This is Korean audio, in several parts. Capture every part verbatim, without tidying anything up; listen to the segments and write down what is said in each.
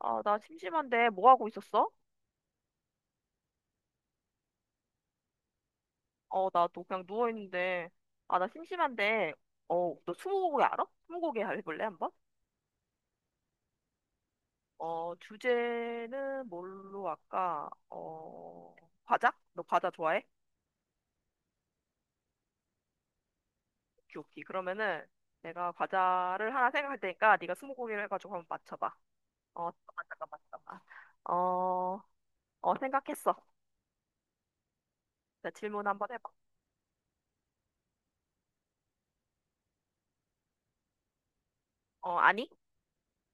아, 나 심심한데 뭐 하고 있었어? 어, 나도 그냥 누워 있는데. 아, 나 심심한데. 어, 너 스무고개 알아? 스무고개 해볼래 한번? 어, 주제는 뭘로 할까? 어, 과자? 너 과자 좋아해? 오케이, 오케이. 그러면은 내가 과자를 하나 생각할 테니까 네가 스무고개를 해가지고 한번 맞춰봐. 어, 잠깐만, 잠깐만, 잠깐만. 어, 어, 생각했어. 자, 질문 한번 해봐. 어, 아니?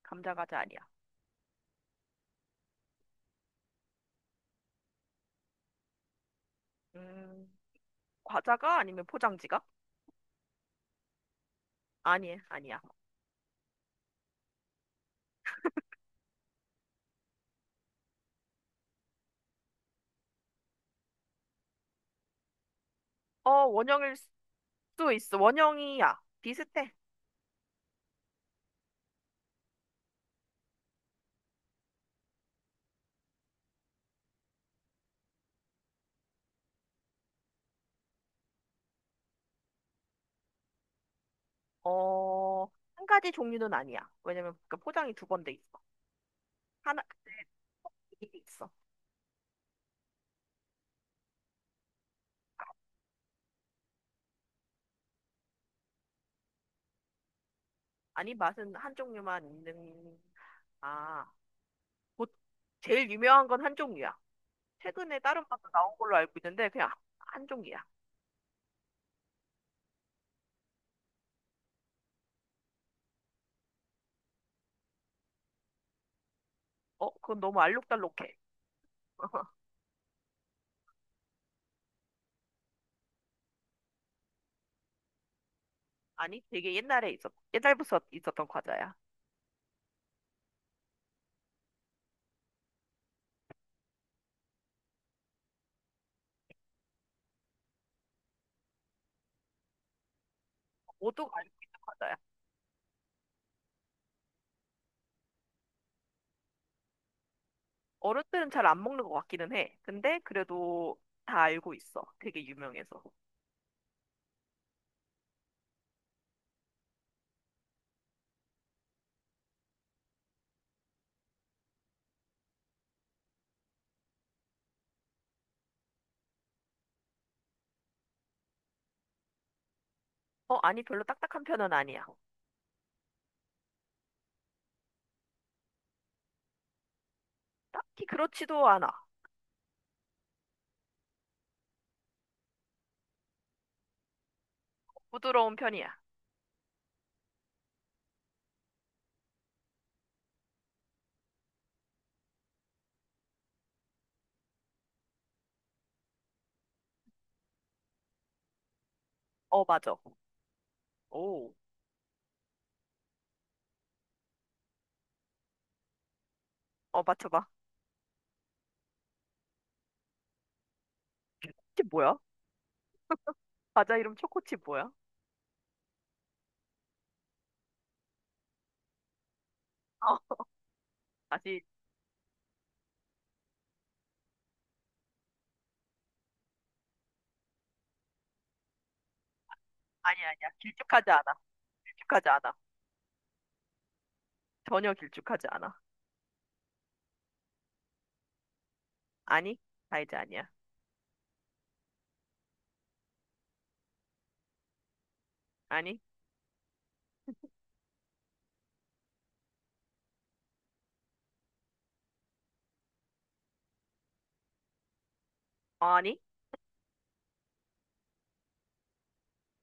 감자 과자 아니야. 음, 과자가 아니면 포장지가? 아니, 아니야. 어, 원형일 수도 있어. 원형이야. 비슷해. 어, 한 가지 종류는 아니야. 왜냐면 그 포장이 두 번 돼 있어. 하나, 근데 이게 있어. 아니, 맛은 한 종류만 있는, 아, 보- 제일 유명한 건 한 종류야. 최근에 다른 맛도 나온 걸로 알고 있는데, 그냥 한 종류야. 어, 그건 너무 알록달록해. 아니, 되게 옛날에 있었, 옛날부터 있었던 과자야. 모두가 알고 있는 과자야. 어른들은 잘 안 먹는 것 같기는 해. 근데 그래도 다 알고 있어. 되게 유명해서. 어, 아니, 별로 딱딱한 편은 아니야. 딱히 그렇지도 않아. 부드러운 편이야. 어, 맞아. 오. 어, 맞춰봐. 칩 뭐야? 과자 이름 초코칩 뭐야? 어, 다시. 아니, 아니야. 길쭉하지 않아. 길쭉하지 않아. 전혀 길쭉하지 않아. 아니, 다이제 아니야. 아니, 어, 아니.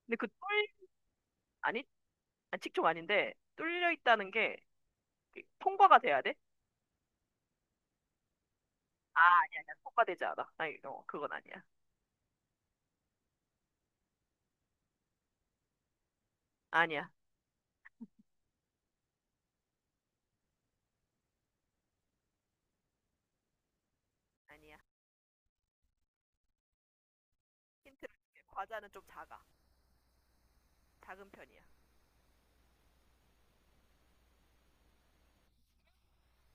근데 그 뚫, 아니, 아, 식초 아닌데, 뚫려 있다는 게그 통과가 돼야 돼? 아, 아니야, 아니야. 통과되지 않아. 아니, 어, 그건 아니야. 아니야. 아니야. 힌트를 줄게. 과자는 좀 작아. 작은 편이야.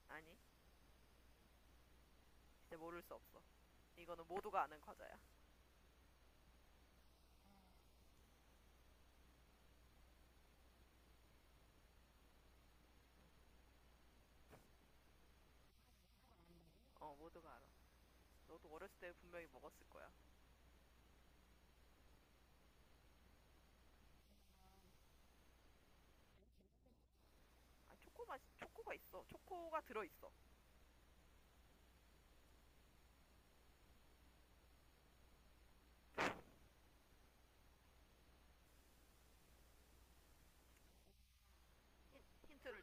아니, 이제 모를 수 없어. 이거는 모두가 아는 과자야. 어, 모두가 알아. 너도 어렸을 때 분명히 먹었을 거야. 아, 초코 맛, 초코가 있어. 초코가 들어 있어. 힌트를.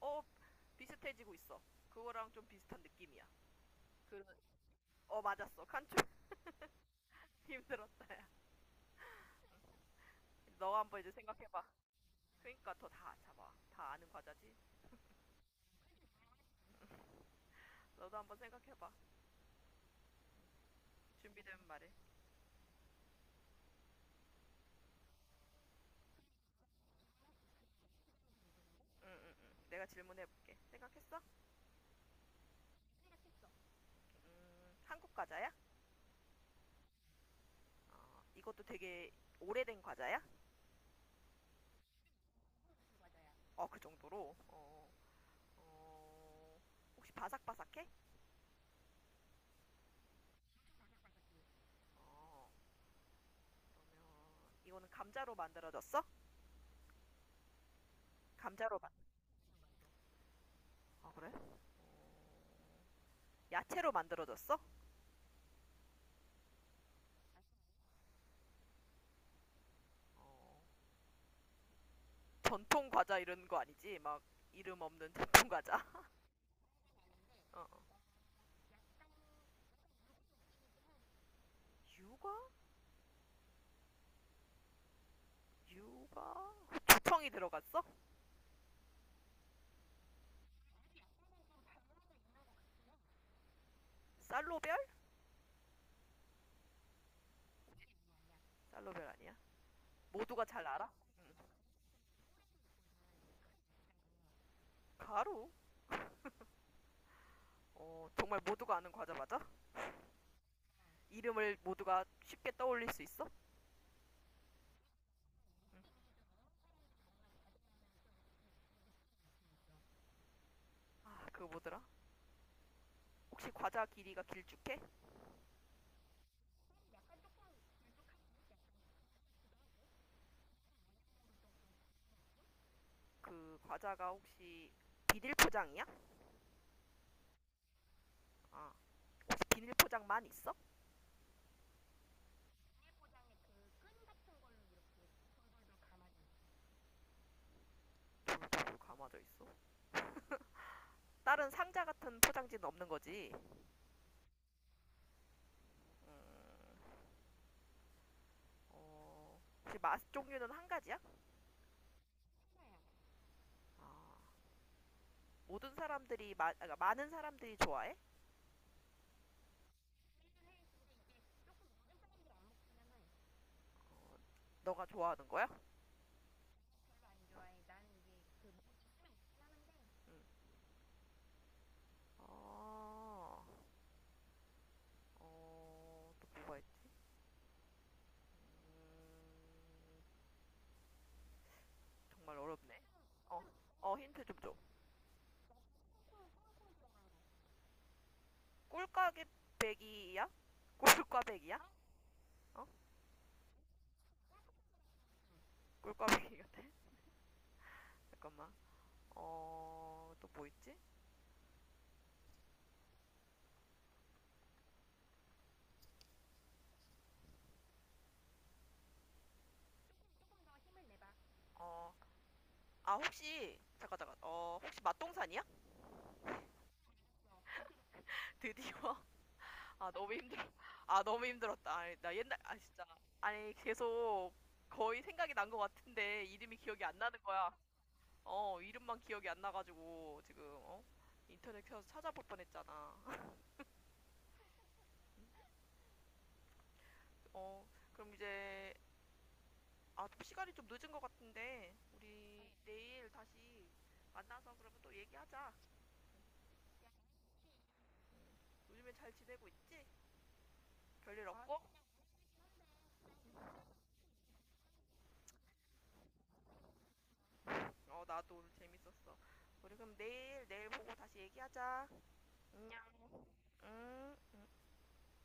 어, 비슷해지고 있어. 그거랑 좀 비슷한 느낌이야. 그, 어 맞았어. 칸초 힘들었다야. 너 한번 이제 생각해봐. 그러니까 더 다 잡아. 다 아는 과자지. 너도 한번 생각해봐. 준비되면 말해. 응응응. 내가 질문해볼게. 생각했어? 음, 한국 과자야? 어, 이것도 되게 오래된 과자야? 어, 그 정도로. 어, 어, 혹시 바삭바삭해? 어, 그러면 이거는 감자로 만들어졌어? 감자로 만. 아 그래? 야채로 만들어졌어? 어, 전통 과자 이런 거 아니지? 막 이름 없는 전통 과자. 어, 어. 유과? 유과? 두청이 들어갔어? 쌀로별? 쌀로별 아니야? 모두가 잘 알아? 응. 가루? 어, 정말 모두가 아는 과자 맞아? 이름을 모두가 쉽게 떠올릴 수 있어? 응. 아, 그거 뭐더라? 혹시 과자 길이가 길쭉해? 그 과자가 혹시 비닐 포장이야? 아, 비닐 포장만 있어? 오, 감아져 있어. 다른 상자 같은 포장지는 없는 거지. 음, 어, 혹시 맛 종류는 한 가지야? 아, 모든 사람들이 마, 아, 그러니까 많은 사람들이 좋아해? 너가 좋아하는 거야? 좋아해. 응. 아, 어, 또 뭐가 있지? 음, 정말 어렵네. 어, 어, 힌트 좀 줘. 꿀꽈배기야? 꿀꽈배기야? 어? 꿀꽈배기 같아? 잠깐만. 어, 또 뭐 있지? 어, 아, 혹시, 잠깐, 잠깐, 어, 혹시 맛동산이야? 드디어. 아, 너무 힘들어. 아, 너무 힘들었다. 아니, 나 옛날, 아, 진짜. 아니, 계속 거의 생각이 난 것 같은데, 이름이 기억이 안 나는 거야. 어, 이름만 기억이 안 나가지고, 지금, 어? 인터넷 켜서 찾아볼 뻔 했잖아. 어, 그럼 이제, 아, 시간이 좀 늦은 것 같은데, 우리 내일 다시 만나서 그러면 또 얘기하자. 요즘에 잘 지내고 있지? 별일 없고? 어, 나도 오늘 재밌었어. 우리 그럼 내일, 내일 보고 다시 얘기하자. 안녕. 응.